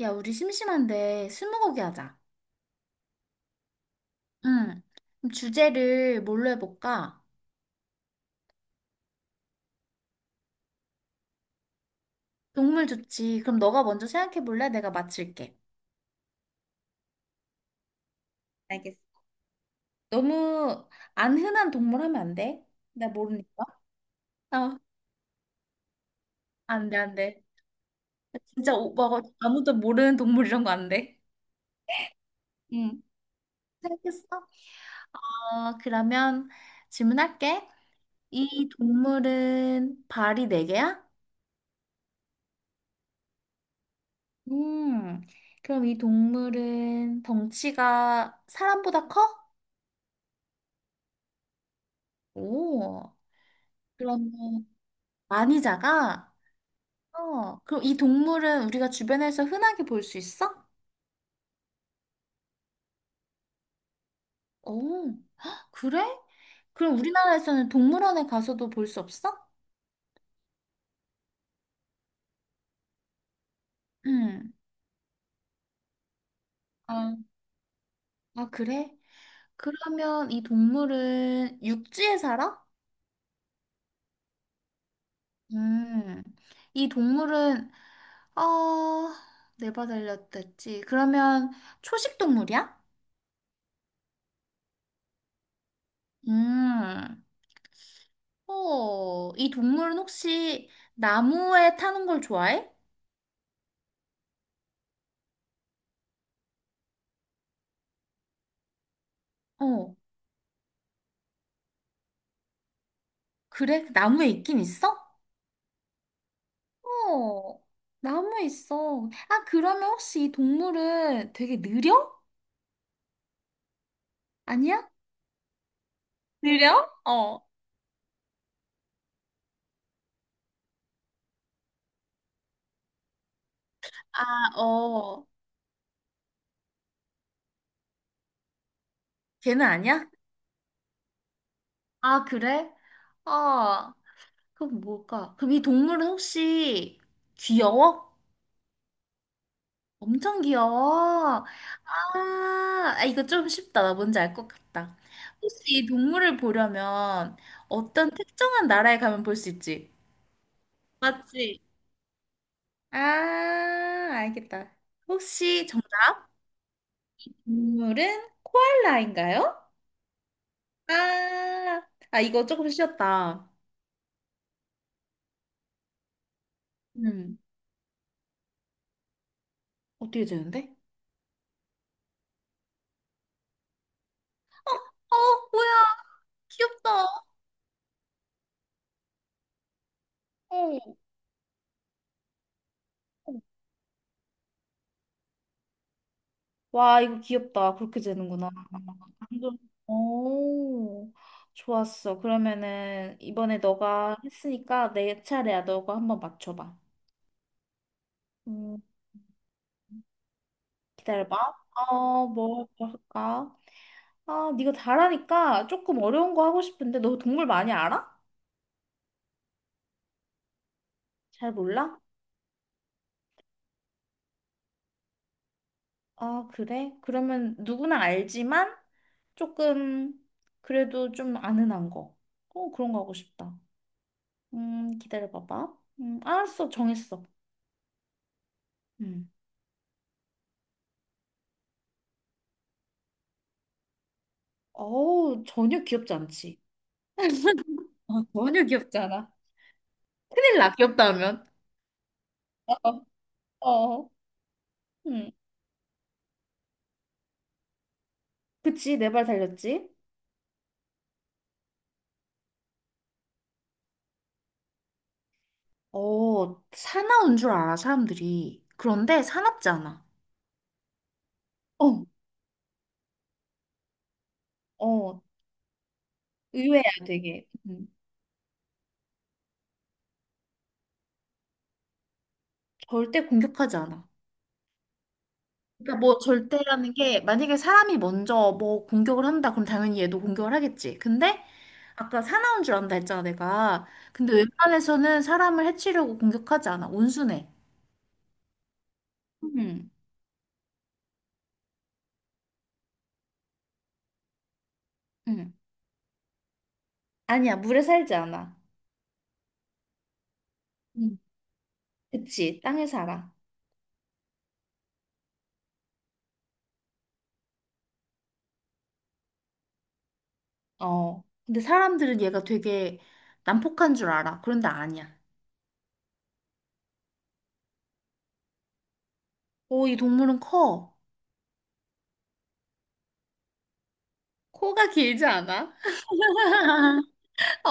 야, 우리 심심한데 스무고개 하자. 응. 그럼 주제를 뭘로 해볼까? 동물 좋지. 그럼 너가 먼저 생각해 볼래? 내가 맞힐게. 알겠어. 너무 안 흔한 동물 하면 안 돼? 나 모르니까. 어, 안 돼, 안 돼. 진짜 오빠가 아무도 모르는 동물 이런 거 안 돼. 응. 생각했어? 어, 그러면 질문할게. 이 동물은 발이 네 개야? 음. 그럼 이 동물은 덩치가 사람보다 커? 오, 그러면 많이 작아? 어, 그럼 이 동물은 우리가 주변에서 흔하게 볼 수 있어? 오, 헉, 그래? 그럼 우리나라에서는 동물원에 가서도 볼 수 없어? 응. 아, 아, 그래? 그러면 이 동물은 육지에 살아? 음, 이 동물은, 어, 내바 달렸댔지. 그러면 초식 동물이야? 음. 어, 이 동물은 혹시 나무에 타는 걸 좋아해? 어, 그래? 나무에 있긴 있어? 어, 나무에 있어. 아, 그러면 혹시 이 동물은 되게 느려? 아니야? 느려? 어. 아, 어, 걔는 아니야? 아, 그래? 아, 그럼 뭘까? 그럼 이 동물은 혹시 귀여워? 엄청 귀여워. 아, 아, 이거 좀 쉽다. 나 뭔지 알 것 같다. 혹시 이 동물을 보려면 어떤 특정한 나라에 가면 볼 수 있지? 맞지? 아, 알겠다. 혹시 정답 동물은 코알라인가요? 아, 아, 이거 조금 쉬웠다. 음. 어떻게 되는데? 어, 뭐야? 귀엽다. 어. 와, 이거 귀엽다. 그렇게 되는구나. 완전, 오, 좋았어. 그러면은 이번에 너가 했으니까 내 차례야. 너가 한번 맞춰봐. 음, 기다려봐. 어, 뭐 할까? 아, 네가 잘하니까 조금 어려운 거 하고 싶은데 너 동물 많이 알아? 잘 몰라? 아, 그래? 그러면 누구나 알지만 조금 그래도 좀 아는 한 거. 어, 그런 거 하고 싶다. 기다려봐봐. 알았어. 정했어. 음. 어우, 전혀 귀엽지 않지. 어, 전혀 귀엽지 않아. 큰일 나, 귀엽다 하면. 어, 어. 응. 그치, 내 발 달렸지? 어, 사나운 줄 알아, 사람들이. 그런데 사납지 않아. 어, 어. 의외야, 되게. 음, 절대 공격하지 않아. 그러니까 뭐 절대라는 게 만약에 사람이 먼저 뭐 공격을 한다 그럼 당연히 얘도 공격을 하겠지. 근데 아까 사나운 줄 안다 했잖아, 내가. 근데 웬만해서는 사람을 해치려고 공격하지 않아. 온순해. 응, 응. 아니야, 물에 살지 않아. 음. 그치, 땅에 살아. 어. 근데 사람들은 얘가 되게 난폭한 줄 알아. 그런데 아니야. 오, 이 동물은 커. 코가 길지 않아? 어,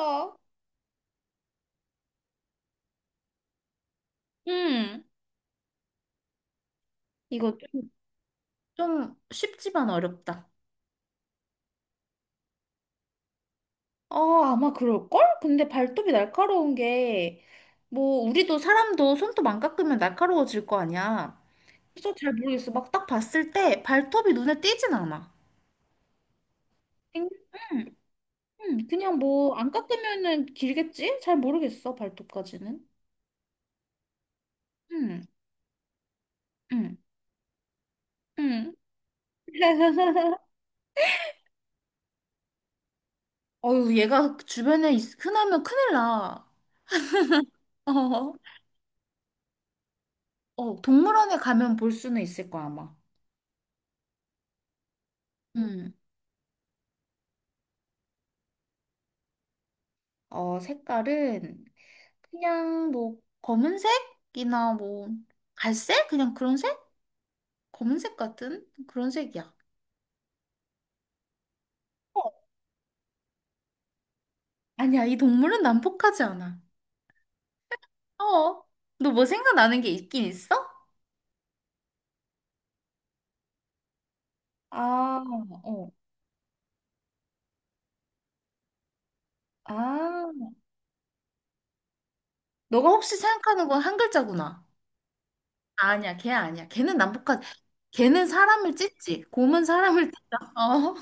어. 응. 이거 좀, 좀 쉽지만 어렵다. 어, 아마 그럴걸? 근데 발톱이 날카로운 게, 뭐, 우리도 사람도 손톱 안 깎으면 날카로워질 거 아니야. 그래서 잘 모르겠어. 막 딱 봤을 때 발톱이 눈에 띄진 않아. 응, 응, 응. 그냥 뭐 안 깎으면은 길겠지? 잘 모르겠어, 발톱까지는. 응, 응, 응. 어유 얘가 주변에 있, 흔하면 큰일 나. 어, 어, 동물원에 가면 볼 수는 있을 거야, 아마. 응. 어, 색깔은 그냥 뭐 검은색이나 뭐 갈색? 그냥 그런 색? 검은색 같은 그런 색이야. 어, 아니야, 이 동물은 난폭하지 않아. 어, 너 뭐 생각나는 게 있긴 있어? 아, 어. 아, 너가 혹시 생각하는 건 한 글자구나. 아니야, 걔 아니야. 걔는 남북한, 걔는 사람을 찢지. 곰은 사람을 찢다. 어,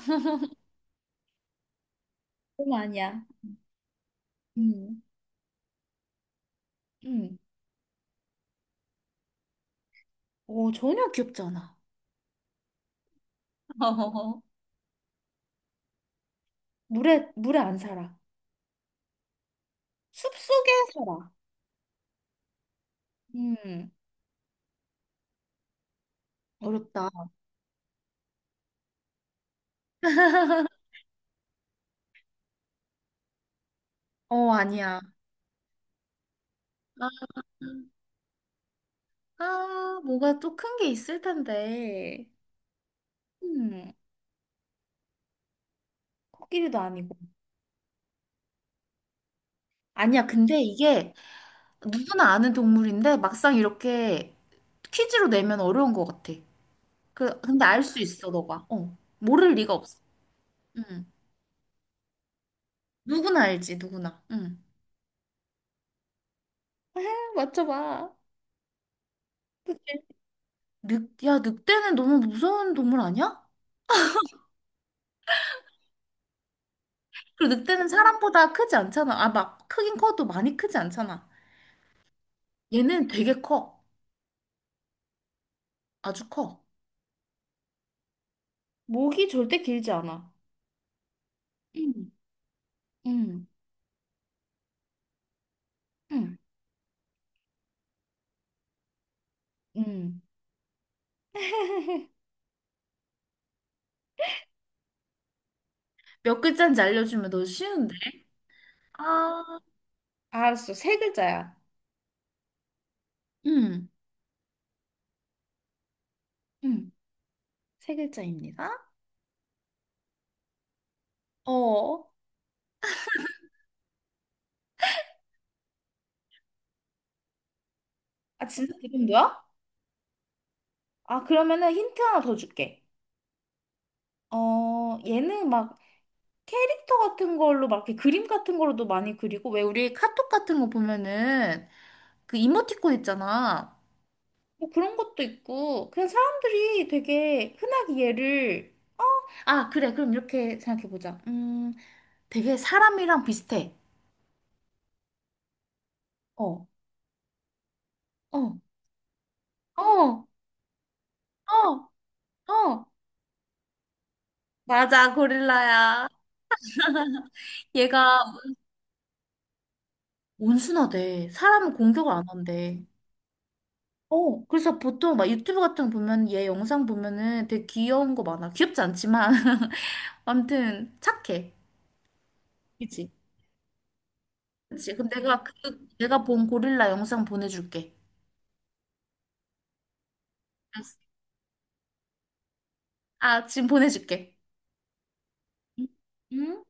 곰 아니야. 음, 음. 오, 전혀 귀엽지 않아. 어. 물에 안 살아. 숲속에 살아. 음, 어렵다. 어, 아니야. 아, 아, 뭐가 또 큰 게 있을 텐데. 음, 코끼리도 아니고. 아니야, 근데 이게 누구나 아는 동물인데 막상 이렇게 퀴즈로 내면 어려운 것 같아. 그, 근데 알 수 있어, 너가. 어. 모를 리가 없어. 응. 누구나 알지, 누구나. 응. 맞춰봐. 그치? 늑, 야, 늑대는 너무 무서운 동물 아니야? 그리고 늑대는 사람보다 크지 않잖아. 아, 막, 크긴 커도 많이 크지 않잖아. 얘는 되게 커. 아주 커. 목이 절대 길지 않아. 응, 응, 응, 응. 몇 글자인지 알려주면 너 쉬운데? 아. 알았어. 세 글자야. 음, 음, 세 글자입니다. 어. 아, 진짜 지금도야? 아, 그러면은 힌트 하나 더 줄게. 어, 얘는 막 캐릭터 같은 걸로 막 이렇게 그림 같은 걸로도 많이 그리고 왜 우리 카톡 같은 거 보면은 그 이모티콘 있잖아. 뭐 그런 것도 있고 그냥 사람들이 되게 흔하게 얘를 아, 그래. 그럼 이렇게 생각해 보자. 되게 사람이랑 비슷해. 어. 어, 어, 어, 어. 맞아, 고릴라야. 얘가 온순하대. 사람을 공격을 안 한대. 어, 그래서 보통 막 유튜브 같은 거 보면 얘 영상 보면은 되게 귀여운 거 많아. 귀엽지 않지만. 아무튼 착해. 그치? 그치. 그럼 내가 그, 내가 본 고릴라 영상 보내줄게. 알았어. 아, 지금 보내줄게. 응? 응?